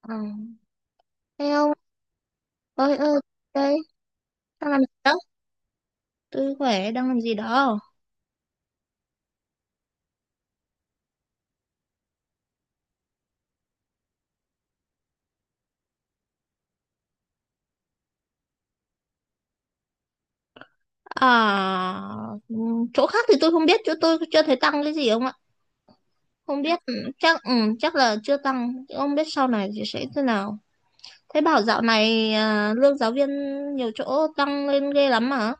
Ờ. Thế ông ơi ơi đây đang làm gì đó? Tôi khỏe, đang làm gì đó? à Chỗ khác thì tôi không biết, chỗ tôi chưa thấy tăng cái gì ông ạ. Không biết, chắc chắc là chưa tăng, ông biết sau này thì sẽ thế nào. Thế bảo dạo này lương giáo viên nhiều chỗ tăng lên ghê lắm mà.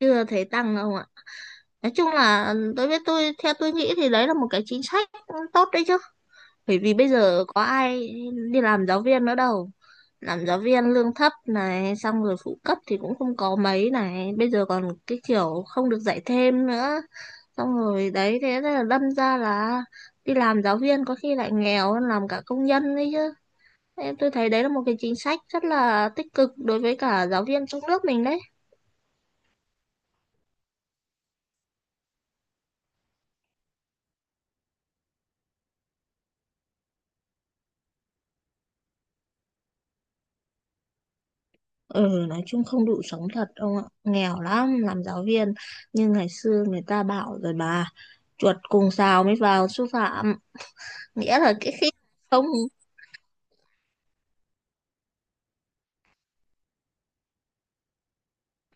Chưa thấy tăng đâu ạ. Nói chung là tôi biết tôi theo tôi nghĩ thì đấy là một cái chính sách tốt đấy chứ. Bởi vì bây giờ có ai đi làm giáo viên nữa đâu, làm giáo viên lương thấp này, xong rồi phụ cấp thì cũng không có mấy này, bây giờ còn cái kiểu không được dạy thêm nữa, xong rồi đấy, thế là đâm ra là đi làm giáo viên có khi lại nghèo hơn làm cả công nhân đấy chứ. Em tôi thấy đấy là một cái chính sách rất là tích cực đối với cả giáo viên trong nước mình đấy. Ừ, nói chung không đủ sống thật ông ạ, nghèo lắm làm giáo viên. Nhưng ngày xưa người ta bảo rồi bà, chuột cùng sào mới vào sư phạm. nghĩa là cái khi không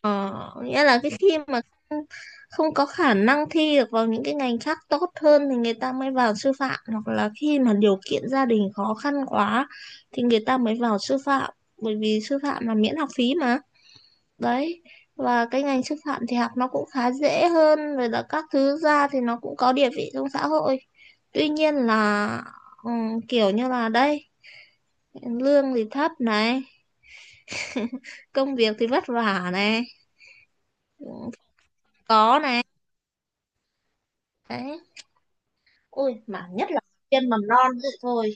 ờ, Nghĩa là cái khi mà không, không có khả năng thi được vào những cái ngành khác tốt hơn thì người ta mới vào sư phạm, hoặc là khi mà điều kiện gia đình khó khăn quá thì người ta mới vào sư phạm, bởi vì sư phạm là miễn học phí mà. Đấy, và cái ngành sư phạm thì học nó cũng khá dễ, hơn rồi là các thứ ra thì nó cũng có địa vị trong xã hội. Tuy nhiên là ừ, kiểu như là đây, lương thì thấp này, công việc thì vất vả này. Ừ, có này, đấy. Ôi, mà nhất là giáo viên mầm non vậy thôi.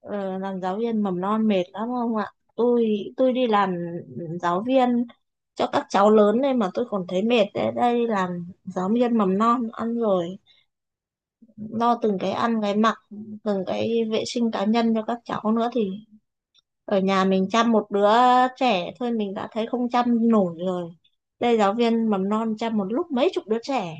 Ờ, làm giáo viên mầm non mệt lắm không ạ? Tôi tôi đi làm giáo viên cho các cháu lớn nên mà tôi còn thấy mệt đấy. Đây làm giáo viên mầm non ăn rồi lo từng cái ăn cái mặc, từng cái vệ sinh cá nhân cho các cháu nữa thì ở nhà mình chăm một đứa trẻ thôi mình đã thấy không chăm nổi rồi. Đây giáo viên mầm non chăm một lúc mấy chục đứa trẻ.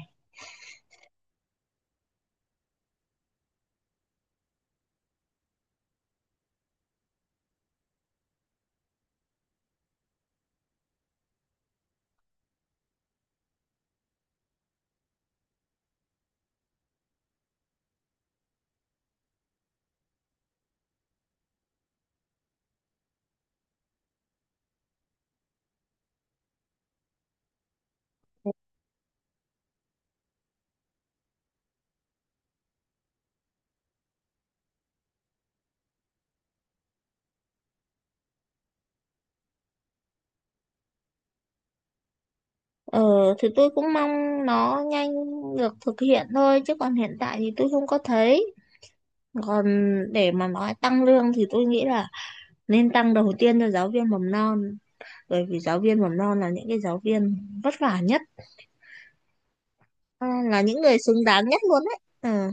Ờ, thì tôi cũng mong nó nhanh được thực hiện thôi, chứ còn hiện tại thì tôi không có thấy. Còn để mà nói tăng lương thì tôi nghĩ là nên tăng đầu tiên cho giáo viên mầm non, bởi vì giáo viên mầm non là những cái giáo viên vất vả nhất, là những người xứng đáng nhất luôn đấy. Ừ.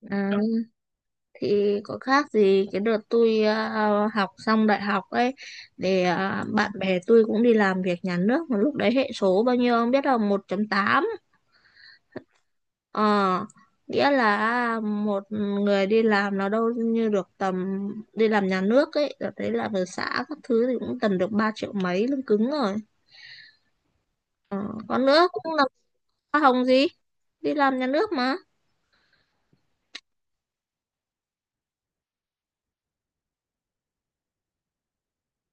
Ừ, thì có khác gì cái đợt tôi học xong đại học ấy, bạn bè tôi cũng đi làm việc nhà nước mà lúc đấy hệ số bao nhiêu không biết, là 1,8. Ờ, nghĩa là một người đi làm nó đâu như được tầm đi làm nhà nước ấy, rồi thấy làm ở xã các thứ thì cũng tầm được 3 triệu mấy lương cứng rồi. Ờ, còn nữa cũng làm hoa hồng gì, đi làm nhà nước mà.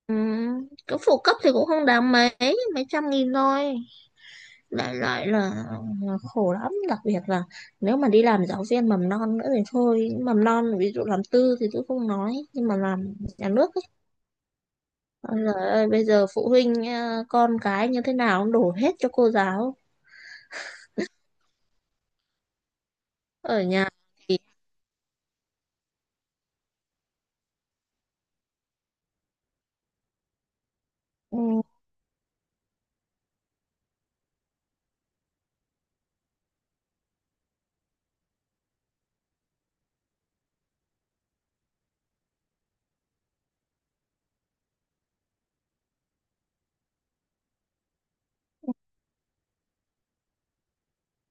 Ừ, cái phụ cấp thì cũng không đáng mấy, mấy trăm nghìn thôi. Đại loại là khổ lắm, đặc biệt là nếu mà đi làm giáo viên mầm non nữa thì thôi, mầm non ví dụ làm tư thì tôi không nói, nhưng mà làm nhà nước, ôi giời ơi, bây giờ phụ huynh con cái như thế nào cũng đổ hết cho cô giáo. Ở nhà thì ừ,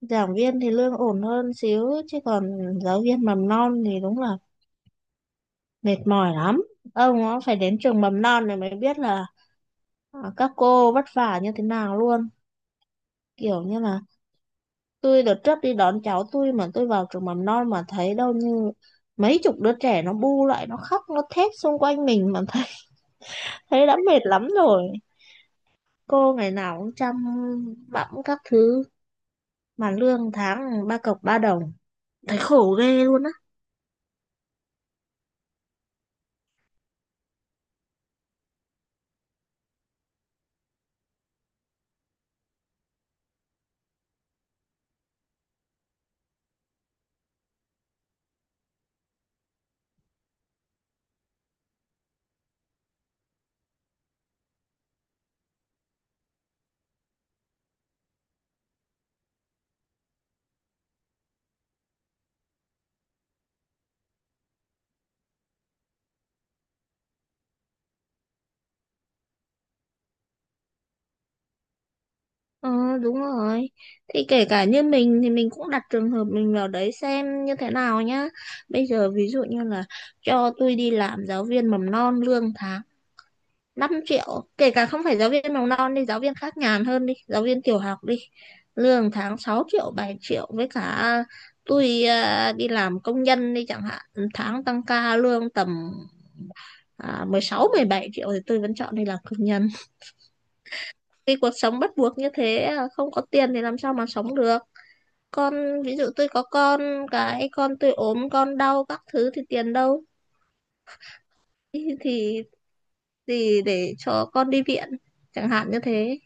giảng viên thì lương ổn hơn xíu, chứ còn giáo viên mầm non thì đúng là mệt mỏi lắm. Ông nó phải đến trường mầm non này mới biết là các cô vất vả như thế nào luôn. Kiểu như là tôi đợt trước đi đón cháu tôi mà tôi vào trường mầm non mà thấy đâu như mấy chục đứa trẻ nó bu lại, nó khóc nó thét xung quanh mình mà thấy, thấy đã mệt lắm rồi, cô ngày nào cũng chăm bẵm các thứ mà lương tháng ba cọc ba đồng, thấy khổ ghê luôn á. Ờ đúng rồi, thì kể cả như mình thì mình cũng đặt trường hợp mình vào đấy xem như thế nào nhá. Bây giờ ví dụ như là cho tôi đi làm giáo viên mầm non lương tháng 5 triệu, kể cả không phải giáo viên mầm non đi, giáo viên khác nhàn hơn đi, giáo viên tiểu học đi, lương tháng 6 triệu 7 triệu, với cả tôi đi làm công nhân đi chẳng hạn, tháng tăng ca lương tầm 16, 17 triệu, thì tôi vẫn chọn đi làm công nhân. Vì cuộc sống bắt buộc như thế không có tiền thì làm sao mà sống được. Con ví dụ tôi có con, cái con tôi ốm con đau các thứ thì tiền đâu thì thì, thì để cho con đi viện chẳng hạn như thế.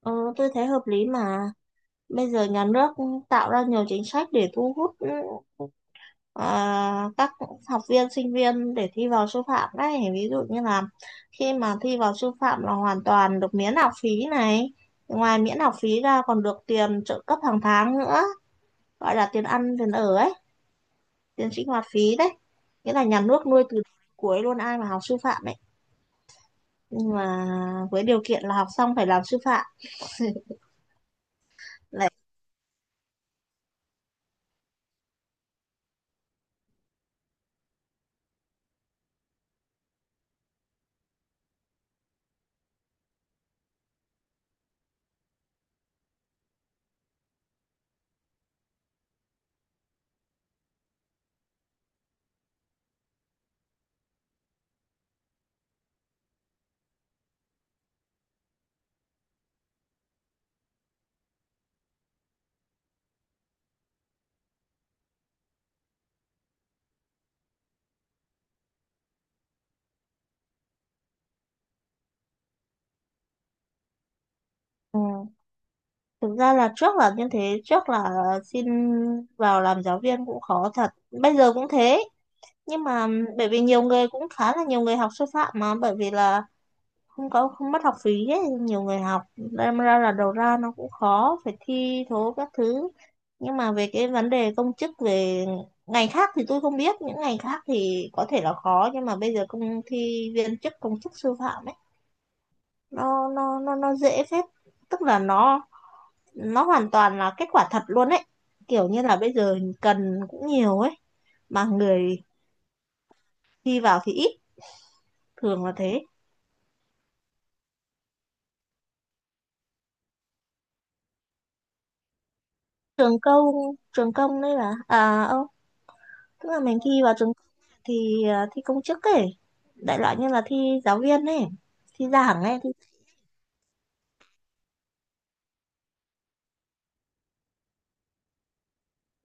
Ờ, tôi thấy hợp lý mà. Bây giờ nhà nước tạo ra nhiều chính sách để thu hút các học viên sinh viên để thi vào sư phạm đấy, ví dụ như là khi mà thi vào sư phạm là hoàn toàn được miễn học phí này, ngoài miễn học phí ra còn được tiền trợ cấp hàng tháng nữa, gọi là tiền ăn tiền ở ấy, tiền sinh hoạt phí đấy, nghĩa là nhà nước nuôi từ cuối luôn ai mà học sư phạm ấy, nhưng mà với điều kiện là học xong phải làm sư phạm. lại Thực ra là trước là như thế, trước là xin vào làm giáo viên cũng khó thật, bây giờ cũng thế, nhưng mà bởi vì nhiều người cũng khá là nhiều người học sư phạm mà, bởi vì là không mất học phí ấy, nhiều người học đâm ra là đầu ra nó cũng khó, phải thi thố các thứ. Nhưng mà về cái vấn đề công chức, về ngành khác thì tôi không biết, những ngành khác thì có thể là khó, nhưng mà bây giờ công, thi viên chức công chức sư phạm ấy, nó dễ phết. Tức là nó hoàn toàn là kết quả thật luôn ấy, kiểu như là bây giờ cần cũng nhiều ấy mà người thi vào thì ít, thường là thế. Trường công, trường công đấy là à ô, tức là mình thi vào trường thì thi công chức ấy, đại loại như là thi giáo viên ấy, thi giảng ấy thì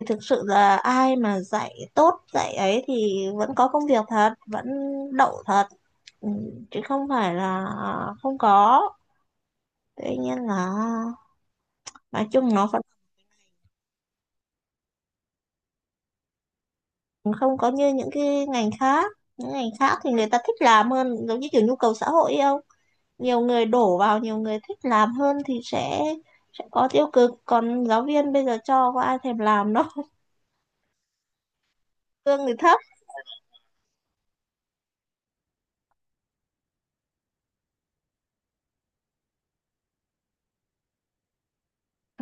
thực sự là ai mà dạy tốt dạy ấy thì vẫn có công việc thật, vẫn đậu thật. Ừ, chứ không phải là không có. Tuy nhiên là nói chung nó vẫn không có như những cái ngành khác, những ngành khác thì người ta thích làm hơn, giống như kiểu nhu cầu xã hội ấy không, nhiều người đổ vào, nhiều người thích làm hơn thì sẽ có tiêu cực, còn giáo viên bây giờ cho có ai thèm làm đâu, lương thì thấp.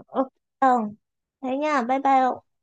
Ừ. Không, thế nha, bye bye.